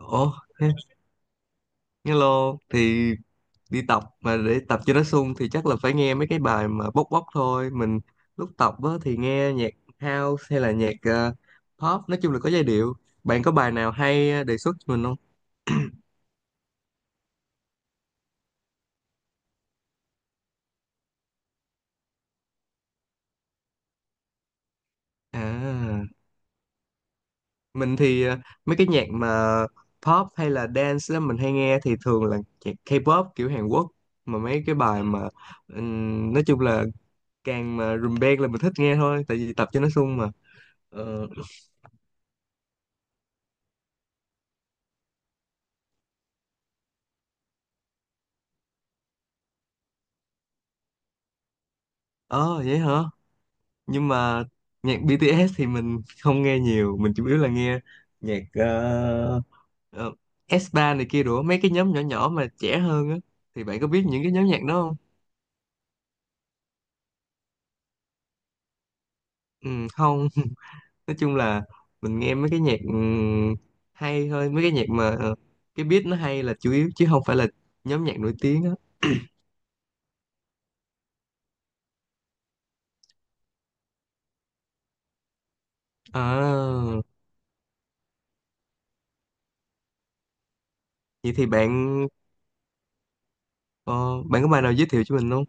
Ủa, thế- hello thì đi tập mà để tập cho nó sung thì chắc là phải nghe mấy cái bài mà bốc bốc thôi. Mình lúc tập á, thì nghe nhạc house hay là nhạc pop, nói chung là có giai điệu. Bạn có bài nào hay đề xuất cho mình không? À, mình thì mấy cái nhạc mà pop hay là dance á, mình hay nghe thì thường là nhạc K-pop kiểu Hàn Quốc mà mấy cái bài mà nói chung là càng mà rùm beng là mình thích nghe thôi tại vì tập cho nó sung mà. Ờ, ờ, vậy hả? Nhưng mà nhạc BTS thì mình không nghe nhiều, mình chủ yếu là nghe nhạc ờ, S3 này kia rồi mấy cái nhóm nhỏ nhỏ mà trẻ hơn á. Thì bạn có biết những cái nhóm nhạc đó không? Ừ, không. Nói chung là mình nghe mấy cái nhạc hay thôi, mấy cái nhạc mà cái beat nó hay là chủ yếu chứ không phải là nhóm nhạc nổi tiếng á. À, vậy thì ờ, bạn có bài nào giới thiệu cho mình không?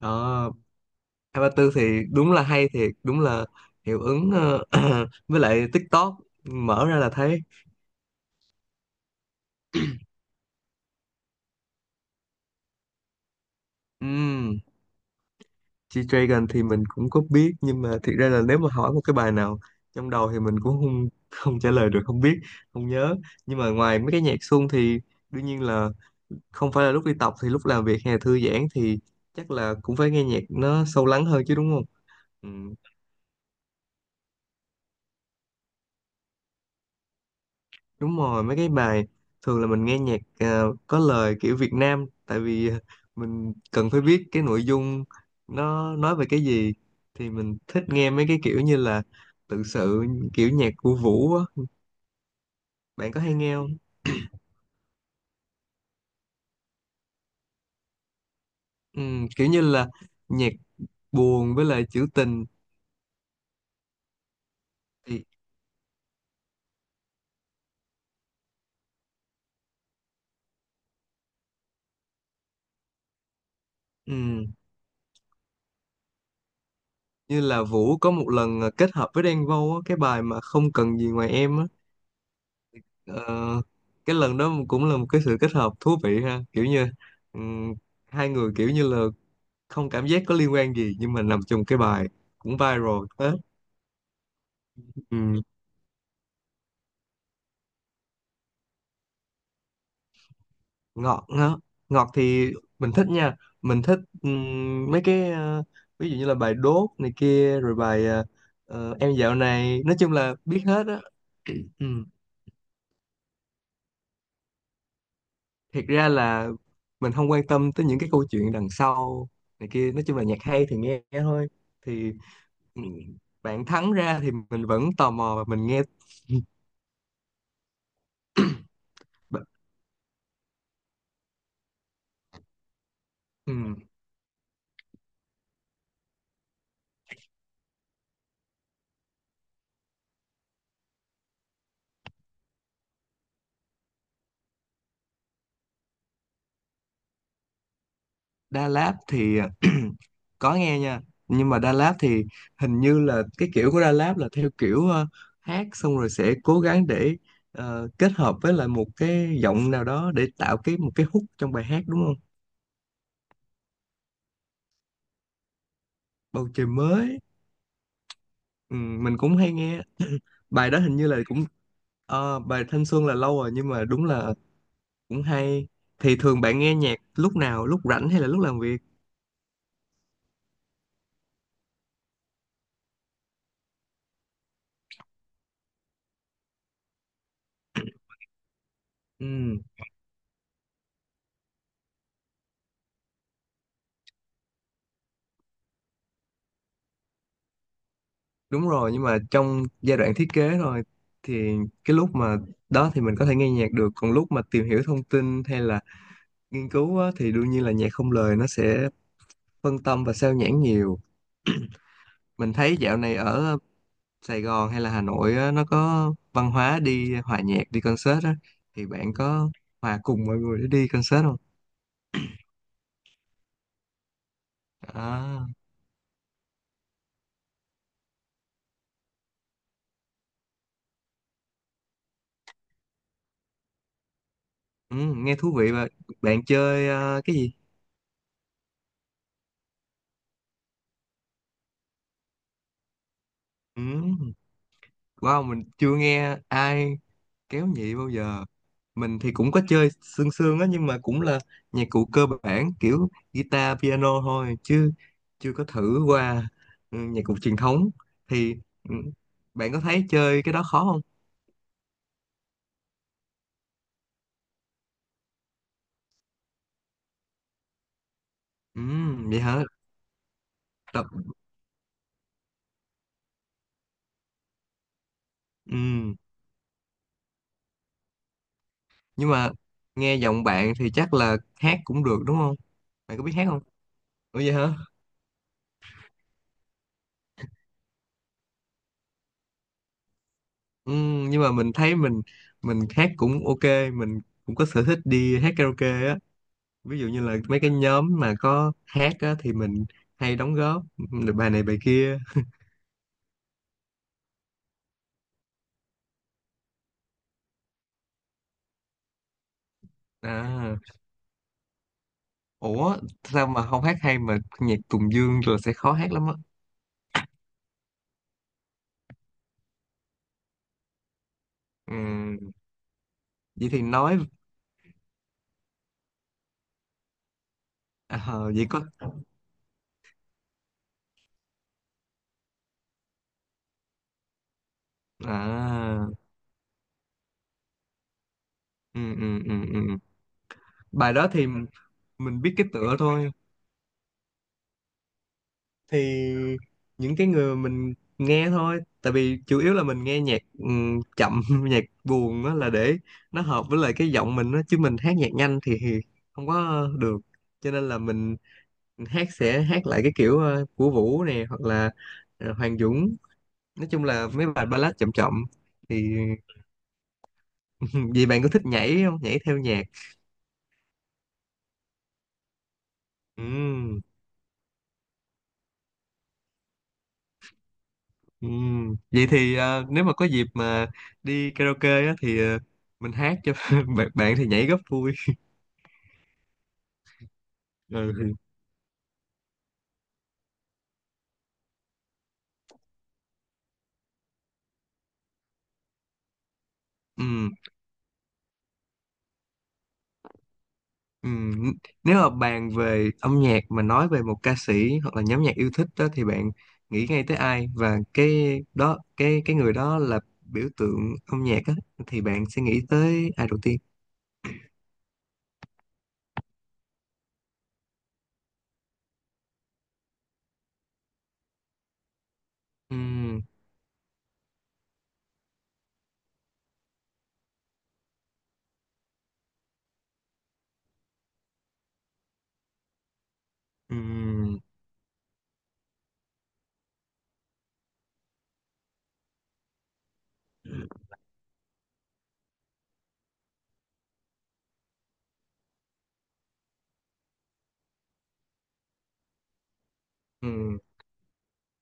À. Hai ba tư thì đúng là hay thiệt, đúng là hiệu ứng với lại TikTok mở ra là thấy. um, G-Dragon thì mình cũng có biết nhưng mà thiệt ra là nếu mà hỏi một cái bài nào trong đầu thì mình cũng không không trả lời được, không biết, không nhớ. Nhưng mà ngoài mấy cái nhạc xuông thì đương nhiên là không phải là lúc đi tập, thì lúc làm việc hay là thư giãn thì chắc là cũng phải nghe nhạc nó sâu lắng hơn chứ, đúng không? Ừ, đúng rồi, mấy cái bài thường là mình nghe nhạc có lời kiểu Việt Nam, tại vì mình cần phải biết cái nội dung nó nói về cái gì. Thì mình thích nghe mấy cái kiểu như là tự sự, kiểu nhạc của Vũ á. Bạn có hay nghe không? Ừ, kiểu như là nhạc buồn với lại trữ tình. Thì ừ, như là Vũ có một lần kết hợp với Đen Vâu á, cái bài mà không cần gì ngoài em á. Ờ, cái lần đó cũng là một cái sự kết hợp thú vị ha, kiểu như ừ, hai người kiểu như là không cảm giác có liên quan gì nhưng mà nằm trong cái bài cũng viral hết. Ừ. ngọt ngọt ngọt thì mình thích nha, mình thích mấy cái ví dụ như là bài Đốt này kia rồi bài em dạo này, nói chung là biết hết á. Ừ. Thiệt ra là mình không quan tâm tới những cái câu chuyện đằng sau này kia, nói chung là nhạc hay thì nghe thôi. Thì ừm, bạn thắng ra thì mình vẫn tò mò và mình nghe. Ừ. Đà Lạt thì có nghe nha, nhưng mà Đà Lạt thì hình như là cái kiểu của Đà Lạt là theo kiểu hát xong rồi sẽ cố gắng để kết hợp với lại một cái giọng nào đó để tạo cái một cái hook trong bài hát, đúng không? Bầu trời mới. Ừ, mình cũng hay nghe. Bài đó hình như là cũng bài Thanh Xuân là lâu rồi nhưng mà đúng là cũng hay. Thì thường bạn nghe nhạc lúc nào, lúc rảnh hay là lúc làm việc? Ừ, đúng rồi, nhưng mà trong giai đoạn thiết kế thôi thì cái lúc mà đó thì mình có thể nghe nhạc được, còn lúc mà tìm hiểu thông tin hay là nghiên cứu á, thì đương nhiên là nhạc không lời nó sẽ phân tâm và sao nhãng nhiều. Mình thấy dạo này ở Sài Gòn hay là Hà Nội á, nó có văn hóa đi hòa nhạc, đi concert á, thì bạn có hòa cùng mọi người để đi concert không? À, ừ, nghe thú vị. Và bạn chơi cái gì? Ừ, wow, mình chưa nghe ai kéo nhị bao giờ. Mình thì cũng có chơi sương sương á nhưng mà cũng là nhạc cụ cơ bản, kiểu guitar, piano thôi chứ chưa có thử qua nhạc cụ truyền thống. Thì ừ, bạn có thấy chơi cái đó khó không? Ừ, vậy hả. Tập, ừ. Nhưng mà nghe giọng bạn thì chắc là hát cũng được đúng không? Bạn có biết hát không? Ủa, vậy hả? Ừ, nhưng mà mình thấy mình hát cũng ok, mình cũng có sở thích đi hát karaoke á, ví dụ như là mấy cái nhóm mà có hát á, thì mình hay đóng góp được bài này bài kia. À, ủa, sao mà không hát hay mà nhạc Tùng Dương rồi sẽ khó hát lắm á? Ừ, vậy thì nói. À, vậy có. À, ừ, ừ, ừ, ừ. Bài đó thì mình biết cái tựa thôi. Thì những cái người mình nghe thôi, tại vì chủ yếu là mình nghe nhạc chậm nhạc buồn đó, là để nó hợp với lại cái giọng mình đó, chứ mình hát nhạc nhanh thì không có được, cho nên là mình hát sẽ hát lại cái kiểu của Vũ nè hoặc là Hoàng Dũng, nói chung là mấy bài ballad chậm chậm. Thì vì bạn có thích nhảy không, nhảy theo nhạc? Ừm. Vậy thì nếu mà có dịp mà đi karaoke á, thì mình hát cho bạn, bạn thì nhảy rất vui. Ừ. Ừm, ừm. Nếu mà bàn về âm nhạc mà nói về một ca sĩ hoặc là nhóm nhạc yêu thích đó thì bạn nghĩ ngay tới ai, và cái đó cái người đó là biểu tượng âm nhạc á thì bạn sẽ nghĩ tới ai đầu tiên? Ừm, ừm, ừm.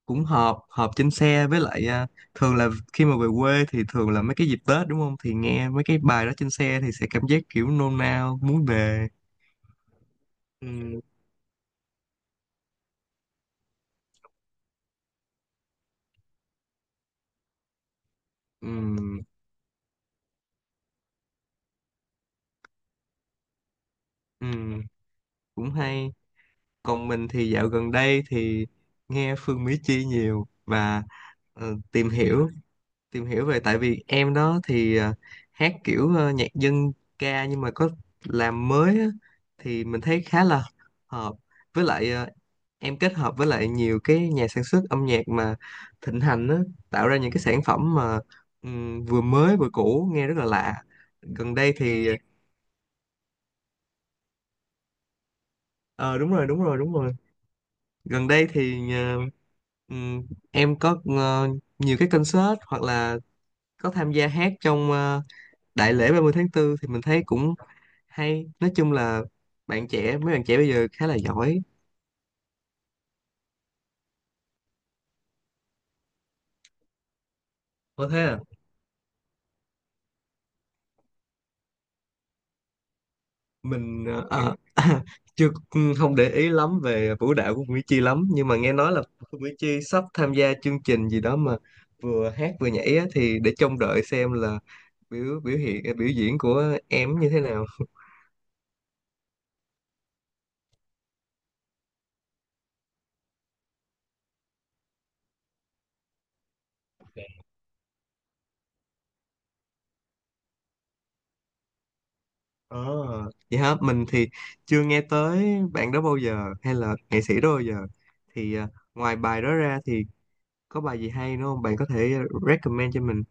Cũng họp họp trên xe với lại thường là khi mà về quê thì thường là mấy cái dịp Tết, đúng không, thì nghe mấy cái bài đó trên xe thì sẽ cảm giác kiểu nôn nao muốn về. Ừ, ừ, ừ, cũng hay. Còn mình thì dạo gần đây thì nghe Phương Mỹ Chi nhiều và ờ, tìm hiểu tìm hiểu về, tại vì em đó thì hát kiểu nhạc dân ca nhưng mà có làm mới á, thì mình thấy khá là hợp với lại em kết hợp với lại nhiều cái nhà sản xuất âm nhạc mà thịnh hành á, tạo ra những cái sản phẩm mà vừa mới vừa cũ nghe rất là lạ. Gần đây thì ờ Đúng rồi, đúng rồi, đúng rồi. Gần đây thì ừm, em có nhiều cái concert hoặc là có tham gia hát trong đại lễ ba mươi tháng 4 thì mình thấy cũng hay, nói chung là bạn trẻ, mấy bạn trẻ bây giờ khá là giỏi. Có thế à? Mình ờ, à, chưa không để ý lắm về vũ đạo của Mỹ Chi lắm, nhưng mà nghe nói là Mỹ Chi sắp tham gia chương trình gì đó mà vừa hát vừa nhảy á, thì để trông đợi xem là biểu biểu hiện à, biểu diễn của em như thế nào. Ờ, vậy hả? Mình thì chưa nghe tới bạn đó bao giờ, hay là nghệ sĩ đó bao giờ. Thì à, ngoài bài đó ra thì có bài gì hay nữa không? Bạn có thể recommend cho mình.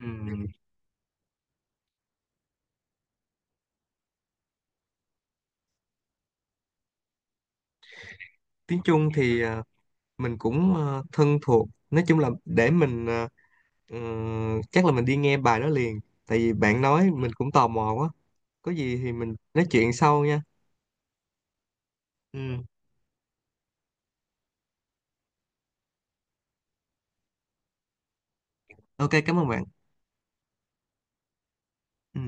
Ừm, tiếng Trung thì mình cũng thân thuộc, nói chung là để mình ừ, chắc là mình đi nghe bài đó liền tại vì bạn nói mình cũng tò mò quá. Có gì thì mình nói chuyện sau nha. Ừ. Ok, cảm ơn bạn. Ừ.